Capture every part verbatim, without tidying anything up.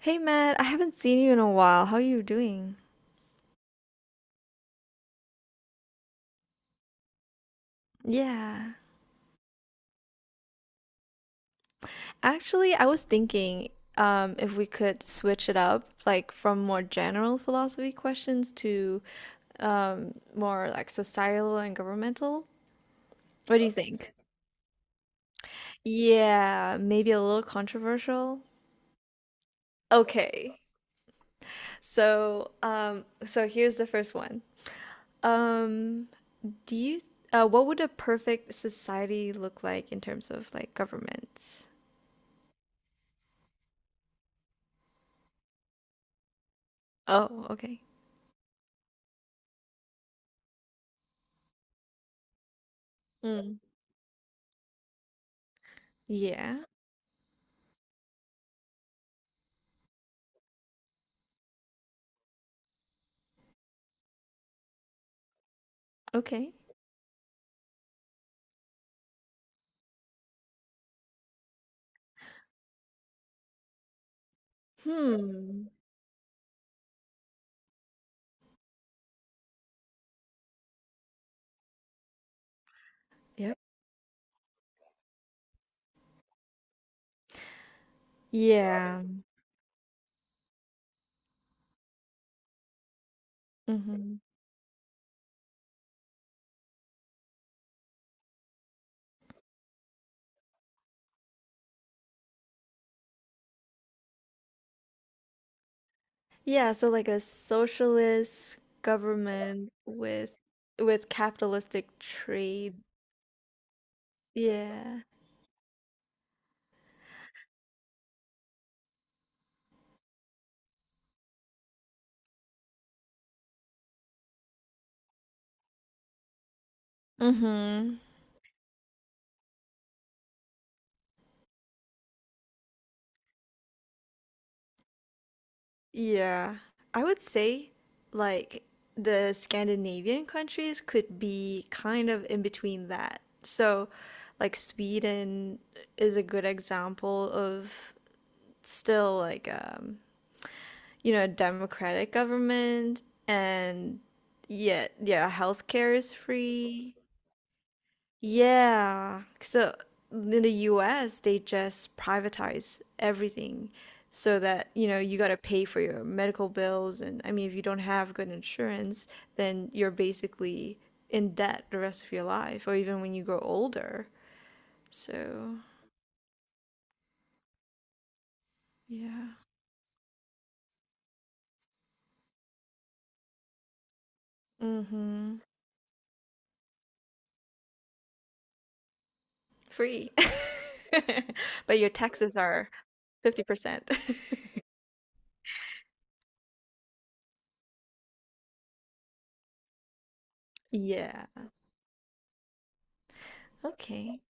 Hey Matt, I haven't seen you in a while. How are you doing? Yeah. Actually, I was thinking um, if we could switch it up, like from more general philosophy questions to um, more like societal and governmental. What do you think? Yeah, maybe a little controversial. Okay. So, um, so here's the first one. Um, do you, uh, what would a perfect society look like in terms of like governments? Oh, okay. Yeah. Okay. Hmm. Yep. Yeah. Yeah. Hmm. Yeah, so like a socialist government with with capitalistic trade. Yeah. Mm-hmm. Yeah. I would say like the Scandinavian countries could be kind of in between that. So like Sweden is a good example of still like um you know, democratic government and yeah, yeah, healthcare is free. Yeah. So in the U S, they just privatize everything so that, you know, you got to pay for your medical bills, and I mean, if you don't have good insurance, then you're basically in debt the rest of your life or even when you grow older. So, yeah. Mm-hmm. Free. But your taxes are fifty percent. Yeah. Okay.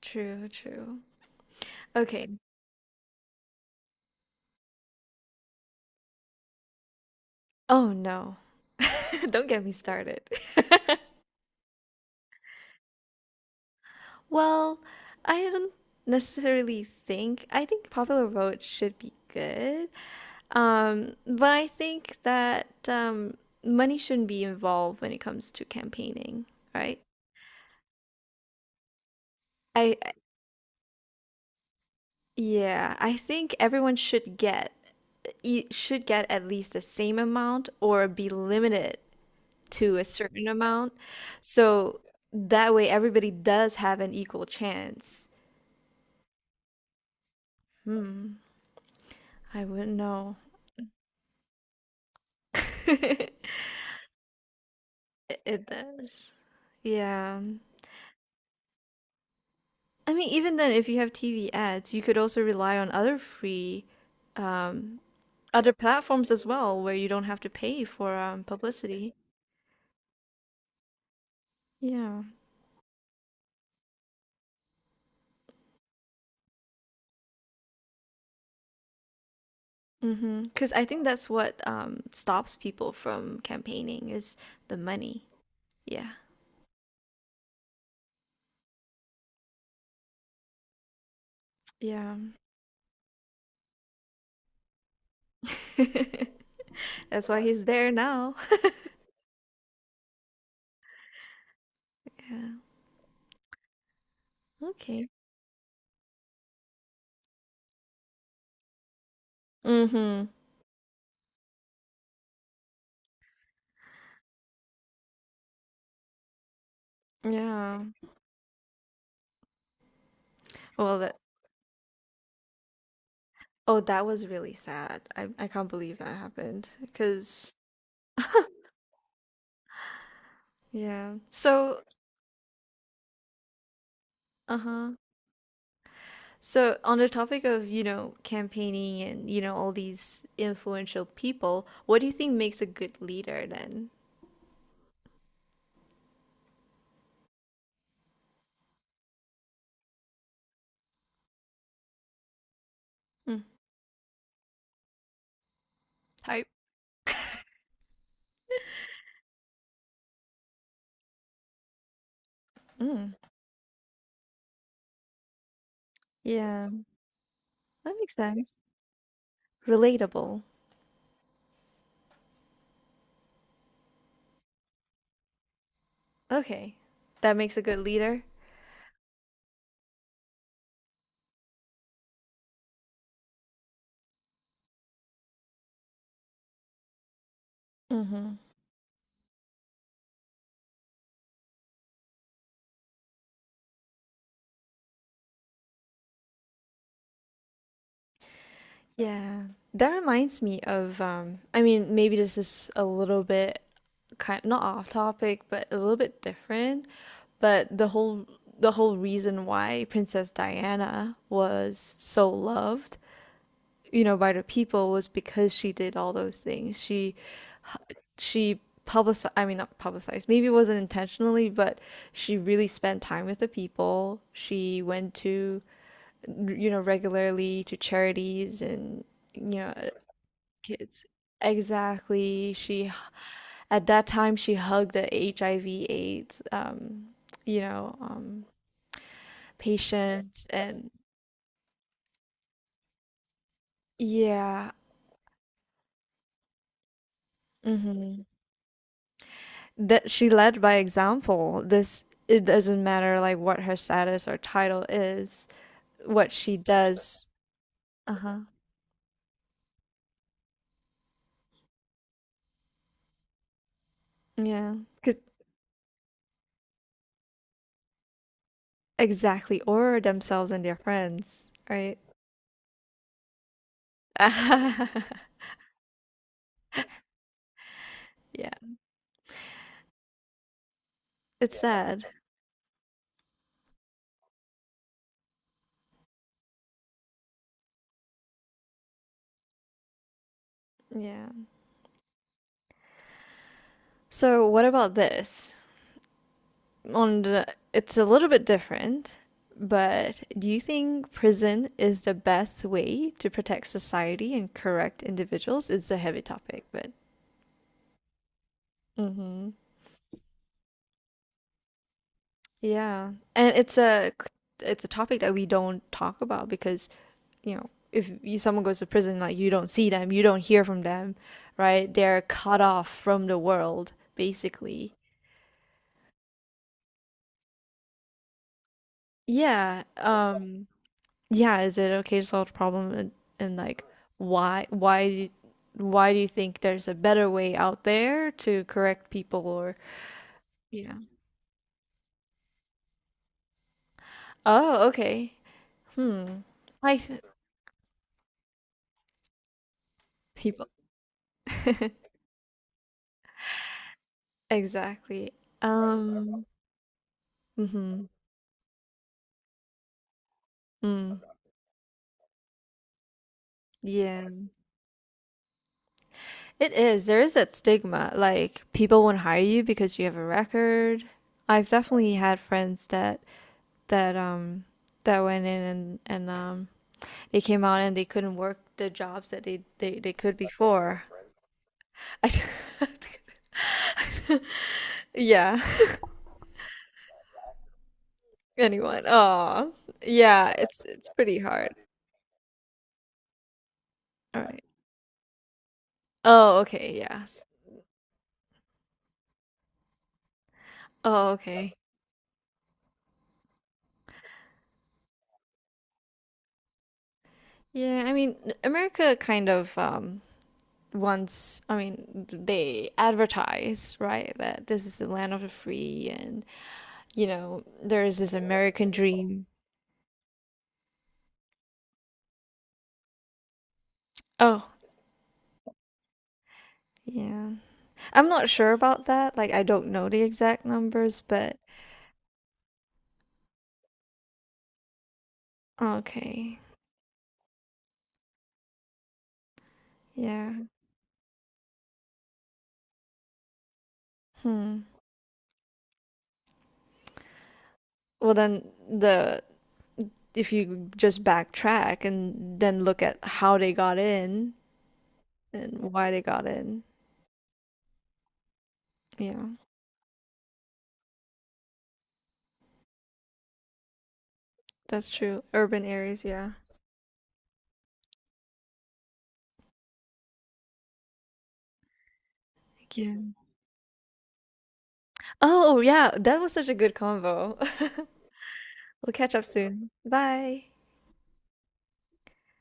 True, true. Okay. Oh no. Don't get me started. Well, I don't necessarily think I think Popular Vote should be good. Um, but I think that um money shouldn't be involved when it comes to campaigning, right? I I- yeah, I think everyone should get you should get at least the same amount or be limited to a certain amount. So that way everybody does have an equal chance. Hmm, I wouldn't know. It, it does. Yeah. I mean, even then, if you have T V ads, you could also rely on other free, um, other platforms as well, where you don't have to pay for um, publicity. Yeah. Mm-hmm. Cause I think that's what, um, stops people from campaigning is the money. Yeah. Yeah. That's why he's there now. Yeah, okay. Mhm. Yeah. Well, that Oh, that was really sad. I I can't believe that happened. Cause yeah. So uh-huh. So on the topic of, you know, campaigning and, you know, all these influential people, what do you think makes a good leader then? Mm. Type. Mm. Yeah. That makes sense. Relatable. Okay. That makes a good leader. Mm-hmm. Yeah. That reminds me of um I mean maybe this is a little bit kind not off topic, but a little bit different, but the whole the whole reason why Princess Diana was so loved, you know, by the people was because she did all those things. She she publicized, I mean, not publicized, maybe it wasn't intentionally, but she really spent time with the people. She went to, you know, regularly to charities and, you know, uh, kids. Exactly. She, at that time, she hugged the H I V/AIDS, um, you know, um, patients and yeah. Mhm. That she led by example. This it doesn't matter like what her status or title is, what she does. Uh-huh. Yeah. 'Cause exactly, or themselves and their friends, right? Yeah. It's sad. Yeah. So what about this? On the, it's a little bit different, but do you think prison is the best way to protect society and correct individuals? It's a heavy topic, but hmm. Yeah. And it's a it's a topic that we don't talk about because, you know, if you, someone goes to prison, like you don't see them, you don't hear from them, right? They're cut off from the world, basically. Yeah. Um, yeah, is it okay to solve the problem, and, and like why why do- why do you think there's a better way out there to correct people or yeah. Oh, okay. Hmm. I th people. Exactly. Um. Mhm. Mm. Yeah. It is. There is that stigma. Like people won't hire you because you have a record. I've definitely had friends that that um that went in and and um they came out and they couldn't work the jobs that they they, they could before. I, yeah. Anyone. Oh. Yeah, it's it's pretty hard. All right. Oh, okay. Yes. Oh, okay. Yeah, I mean, America kind of um once I mean they advertise, right, that this is the land of the free, and you know there is this American dream. Oh yeah. I'm not sure about that, like I don't know the exact numbers but okay. Yeah. Hmm. Well then, the if you just backtrack and then look at how they got in and why they got in, yeah, that's true, urban areas, yeah. Thank you. Oh yeah, that was such a good convo. We'll catch up soon. Bye.